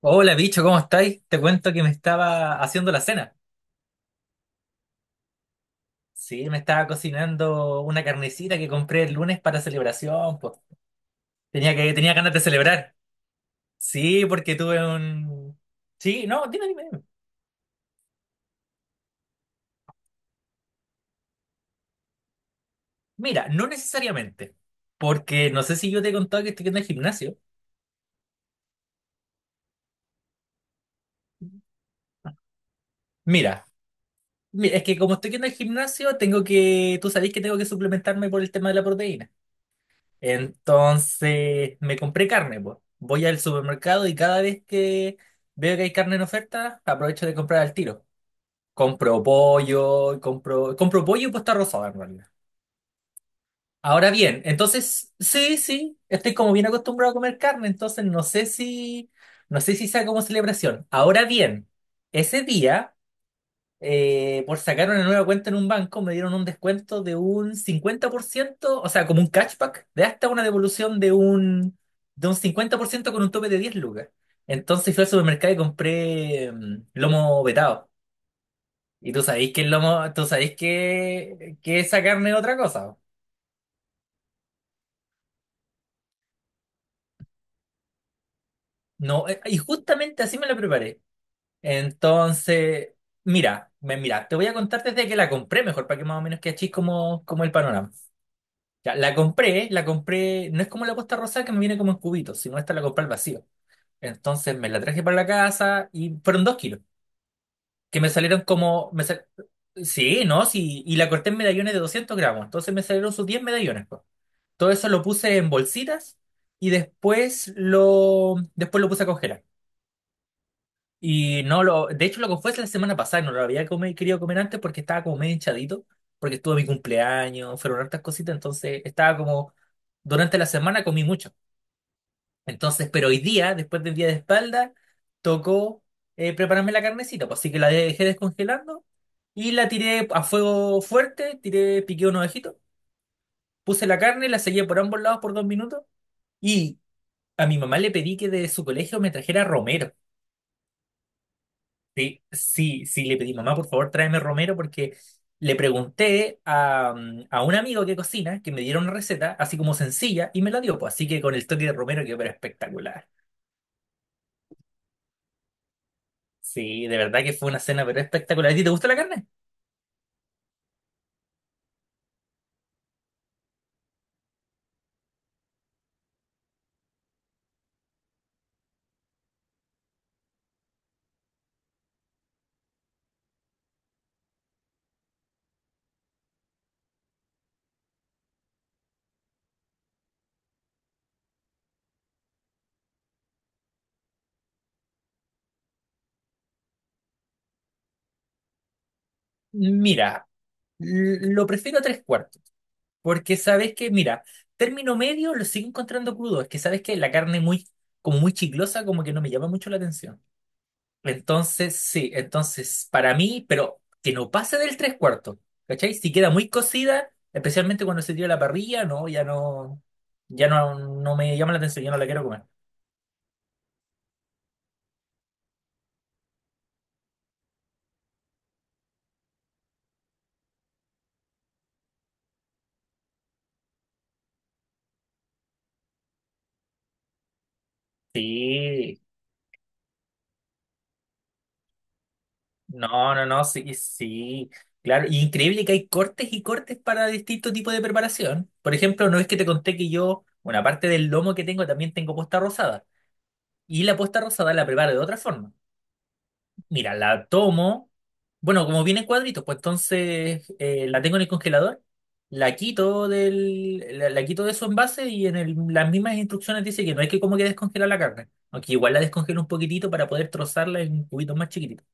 Hola bicho, ¿cómo estáis? Te cuento que me estaba haciendo la cena. Sí, me estaba cocinando una carnecita que compré el lunes para celebración, pues. Tenía ganas de celebrar. Sí, porque tuve un... Sí, no, dime, dime, dime. Mira, no necesariamente, porque no sé si yo te he contado que estoy yendo al gimnasio. Mira, mira, es que como estoy yendo al gimnasio, tú sabés que tengo que suplementarme por el tema de la proteína. Entonces me compré carne, pues. Voy al supermercado y cada vez que veo que hay carne en oferta, aprovecho de comprar al tiro. Compro pollo, compro pollo y puesta rosada en realidad. Ahora bien, entonces sí, sí, estoy como bien acostumbrado a comer carne, entonces no sé si sea como celebración. Ahora bien, ese día por sacar una nueva cuenta en un banco, me dieron un descuento de un 50%, o sea, como un cashback, de hasta una devolución de un 50% con un tope de 10 lucas. Entonces fui al supermercado y compré lomo vetado. Y tú sabéis que el lomo, tú sabéis que esa carne es otra cosa. No, y justamente así me la preparé. Entonces, mira, te voy a contar desde que la compré mejor, para que más o menos que achis como, como el panorama. Ya, la compré, no es como la Costa Rosada que me viene como en cubitos, sino esta la compré al vacío. Entonces me la traje para la casa y fueron 2 kilos, que me salieron como... Sí, ¿no? Sí, y la corté en medallones de 200 gramos, entonces me salieron sus 10 medallones, po. Todo eso lo puse en bolsitas y después lo puse a congelar. Y no lo, de hecho lo que fue la semana pasada, no lo había comi- querido comer antes porque estaba como medio hinchadito, porque estuvo mi cumpleaños, fueron hartas cositas, entonces estaba como, durante la semana comí mucho. Entonces, pero hoy día, después del día de espalda, tocó prepararme la carnecita, pues, así que la dejé descongelando y la tiré a fuego fuerte, tiré, piqué unos ojitos, puse la carne, la sellé por ambos lados por 2 minutos y a mi mamá le pedí que de su colegio me trajera romero. Sí, sí, sí, le pedí, mamá, por favor, tráeme romero porque le pregunté a, a un amigo que cocina que me diera una receta así como sencilla y me la dio, pues, así que con el toque de romero quedó pero espectacular. Sí, de verdad que fue una cena pero espectacular. ¿A ti te gusta la carne? Mira, lo prefiero a tres cuartos, porque sabes que, mira, término medio lo sigo encontrando crudo, es que sabes que la carne muy, como muy chiclosa, como que no me llama mucho la atención. Entonces, sí, entonces, para mí, pero que no pase del tres cuartos, ¿cachai? Si queda muy cocida, especialmente cuando se tira a la parrilla, no, ya no, ya no, no me llama la atención, ya no la quiero comer. Sí, no, no, no, sí, sí, claro. Y increíble que hay cortes y cortes para distintos tipos de preparación. Por ejemplo, no es que te conté que yo, una parte del lomo que tengo, también tengo posta rosada. Y la posta rosada la preparo de otra forma. Mira, la tomo, bueno, como viene en cuadritos, pues entonces la tengo en el congelador, la quito de su envase y en el- las mismas instrucciones dice que no hay que como que descongelar la carne. Aunque igual la descongelo un poquitito para poder trozarla en cubitos más chiquititos.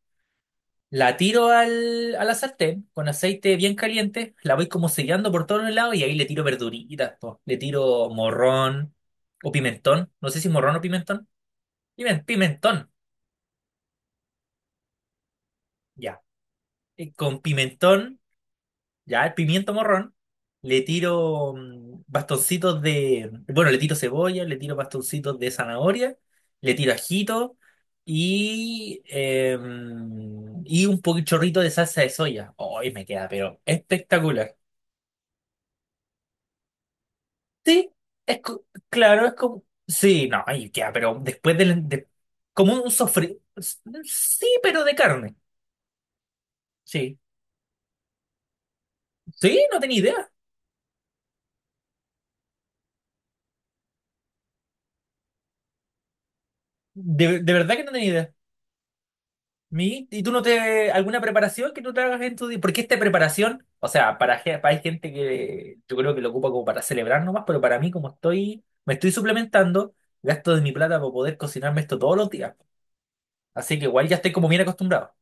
La tiro al, a la sartén con aceite bien caliente, la voy como sellando por todos los lados y ahí le tiro verduritas, po. Le tiro morrón o pimentón, no sé si morrón o pimentón. Pimentón, ya. Y con pimentón, ya el pimiento morrón, le tiro bastoncitos de, bueno, le tiro cebolla, le tiro bastoncitos de zanahoria, le tiro ajito y, y un poquito chorrito de salsa de soya. Hoy me queda, pero espectacular. Sí, claro, es como. Sí, no, ay, ya, pero después del, de- como un sofrito. Sí, pero de carne. Sí. Sí, no tenía idea. De verdad que no tenía idea. ¿Y tú no te, alguna preparación que tú te hagas en tu día? Porque esta preparación, o sea, hay gente que yo creo que lo ocupa como para celebrar nomás, pero para mí, como estoy, me estoy suplementando, gasto de mi plata para poder cocinarme esto todos los días. Así que igual ya estoy como bien acostumbrado.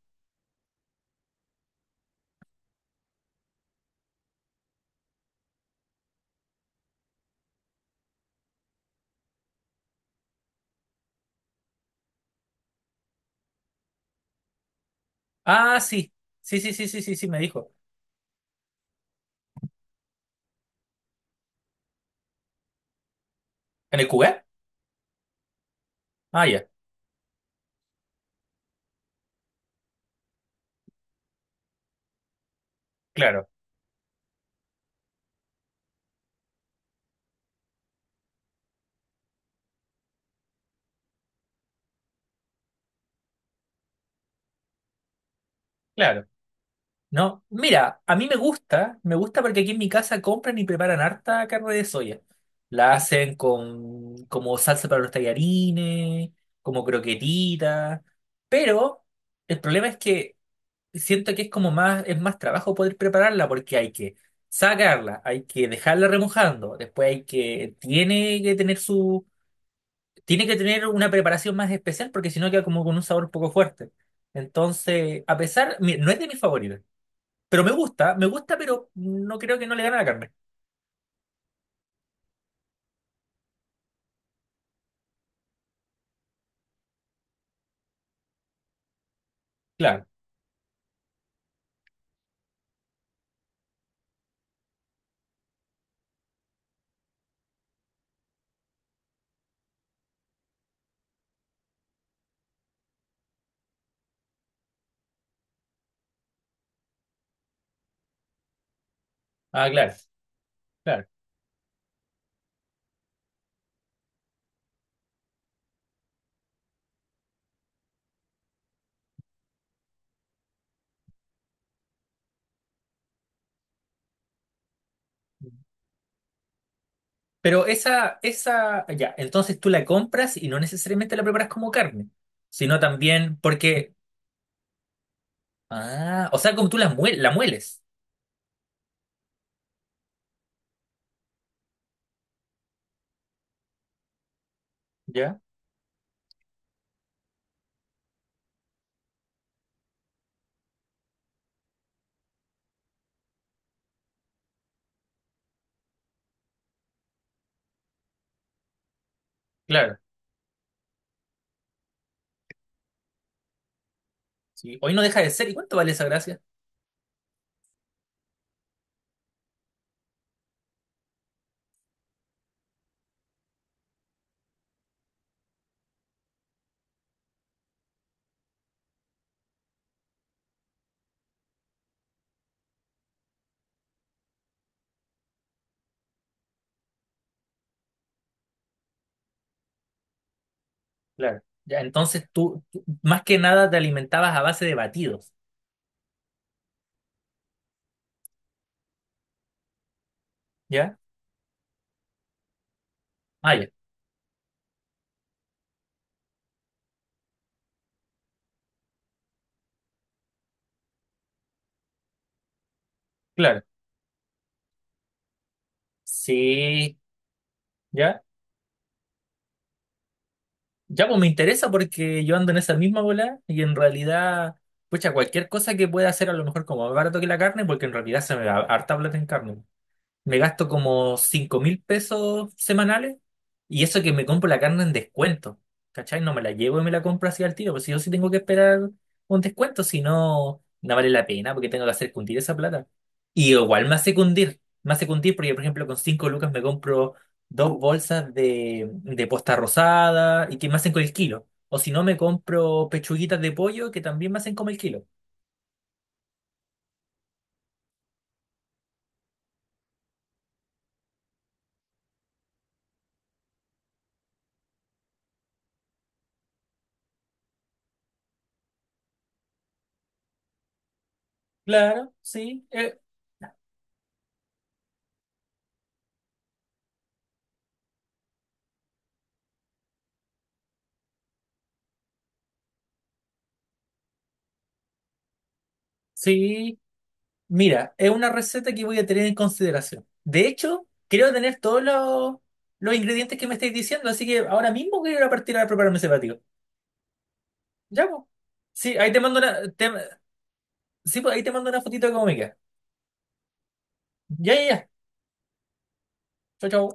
Ah, sí. Sí, sí, sí, sí, sí, sí, me dijo. ¿En el cugar? Ah, ya. Claro, claro. No, mira, a mí me gusta porque aquí en mi casa compran y preparan harta carne de soya. La hacen con como salsa para los tallarines, como croquetitas, pero el problema es que siento que es como más, es más trabajo poder prepararla porque hay que sacarla, hay que dejarla remojando, después hay que, tiene que tener su, tiene que tener una preparación más especial porque si no queda como con un sabor poco fuerte. Entonces, a pesar, mi- no es de mis favoritos. Pero me gusta, pero no creo que no le gane a la carne. Claro, ah, claro, claro. Pero esa, ya, entonces tú la compras y no necesariamente la preparas como carne, sino también porque, ah, o sea, como tú la mueles. Ya, claro. Sí. Hoy no deja de ser. ¿Y cuánto vale esa gracia? Claro. Ya, entonces tú más que nada te alimentabas a base de batidos. ¿Ya? Ah, ya, claro. Sí, ya. Ya, pues me interesa porque yo ando en esa misma bola y en realidad, pucha, cualquier cosa que pueda hacer a lo mejor como más barato que la carne, porque en realidad se me da harta plata en carne, me gasto como $5.000 semanales y eso que me compro la carne en descuento, ¿cachai? No me la llevo y me la compro así al tiro, pues si yo sí tengo que esperar un descuento, si no, no vale la pena porque tengo que hacer cundir esa plata. Y igual me hace cundir porque, por ejemplo, con 5 lucas me compro dos bolsas de posta rosada y que me hacen con el kilo. O si no, me compro pechuguitas de pollo que también me hacen como el kilo. Claro, sí, sí. Mira, es una receta que voy a tener en consideración. De hecho, creo tener todos los ingredientes que me estáis diciendo, así que ahora mismo quiero ir a partir a prepararme ese batido. Ya, pues. Sí, ahí te mando sí, pues, ahí te mando una fotito de cómo me queda. Ya, ya, ya. Chao, chao.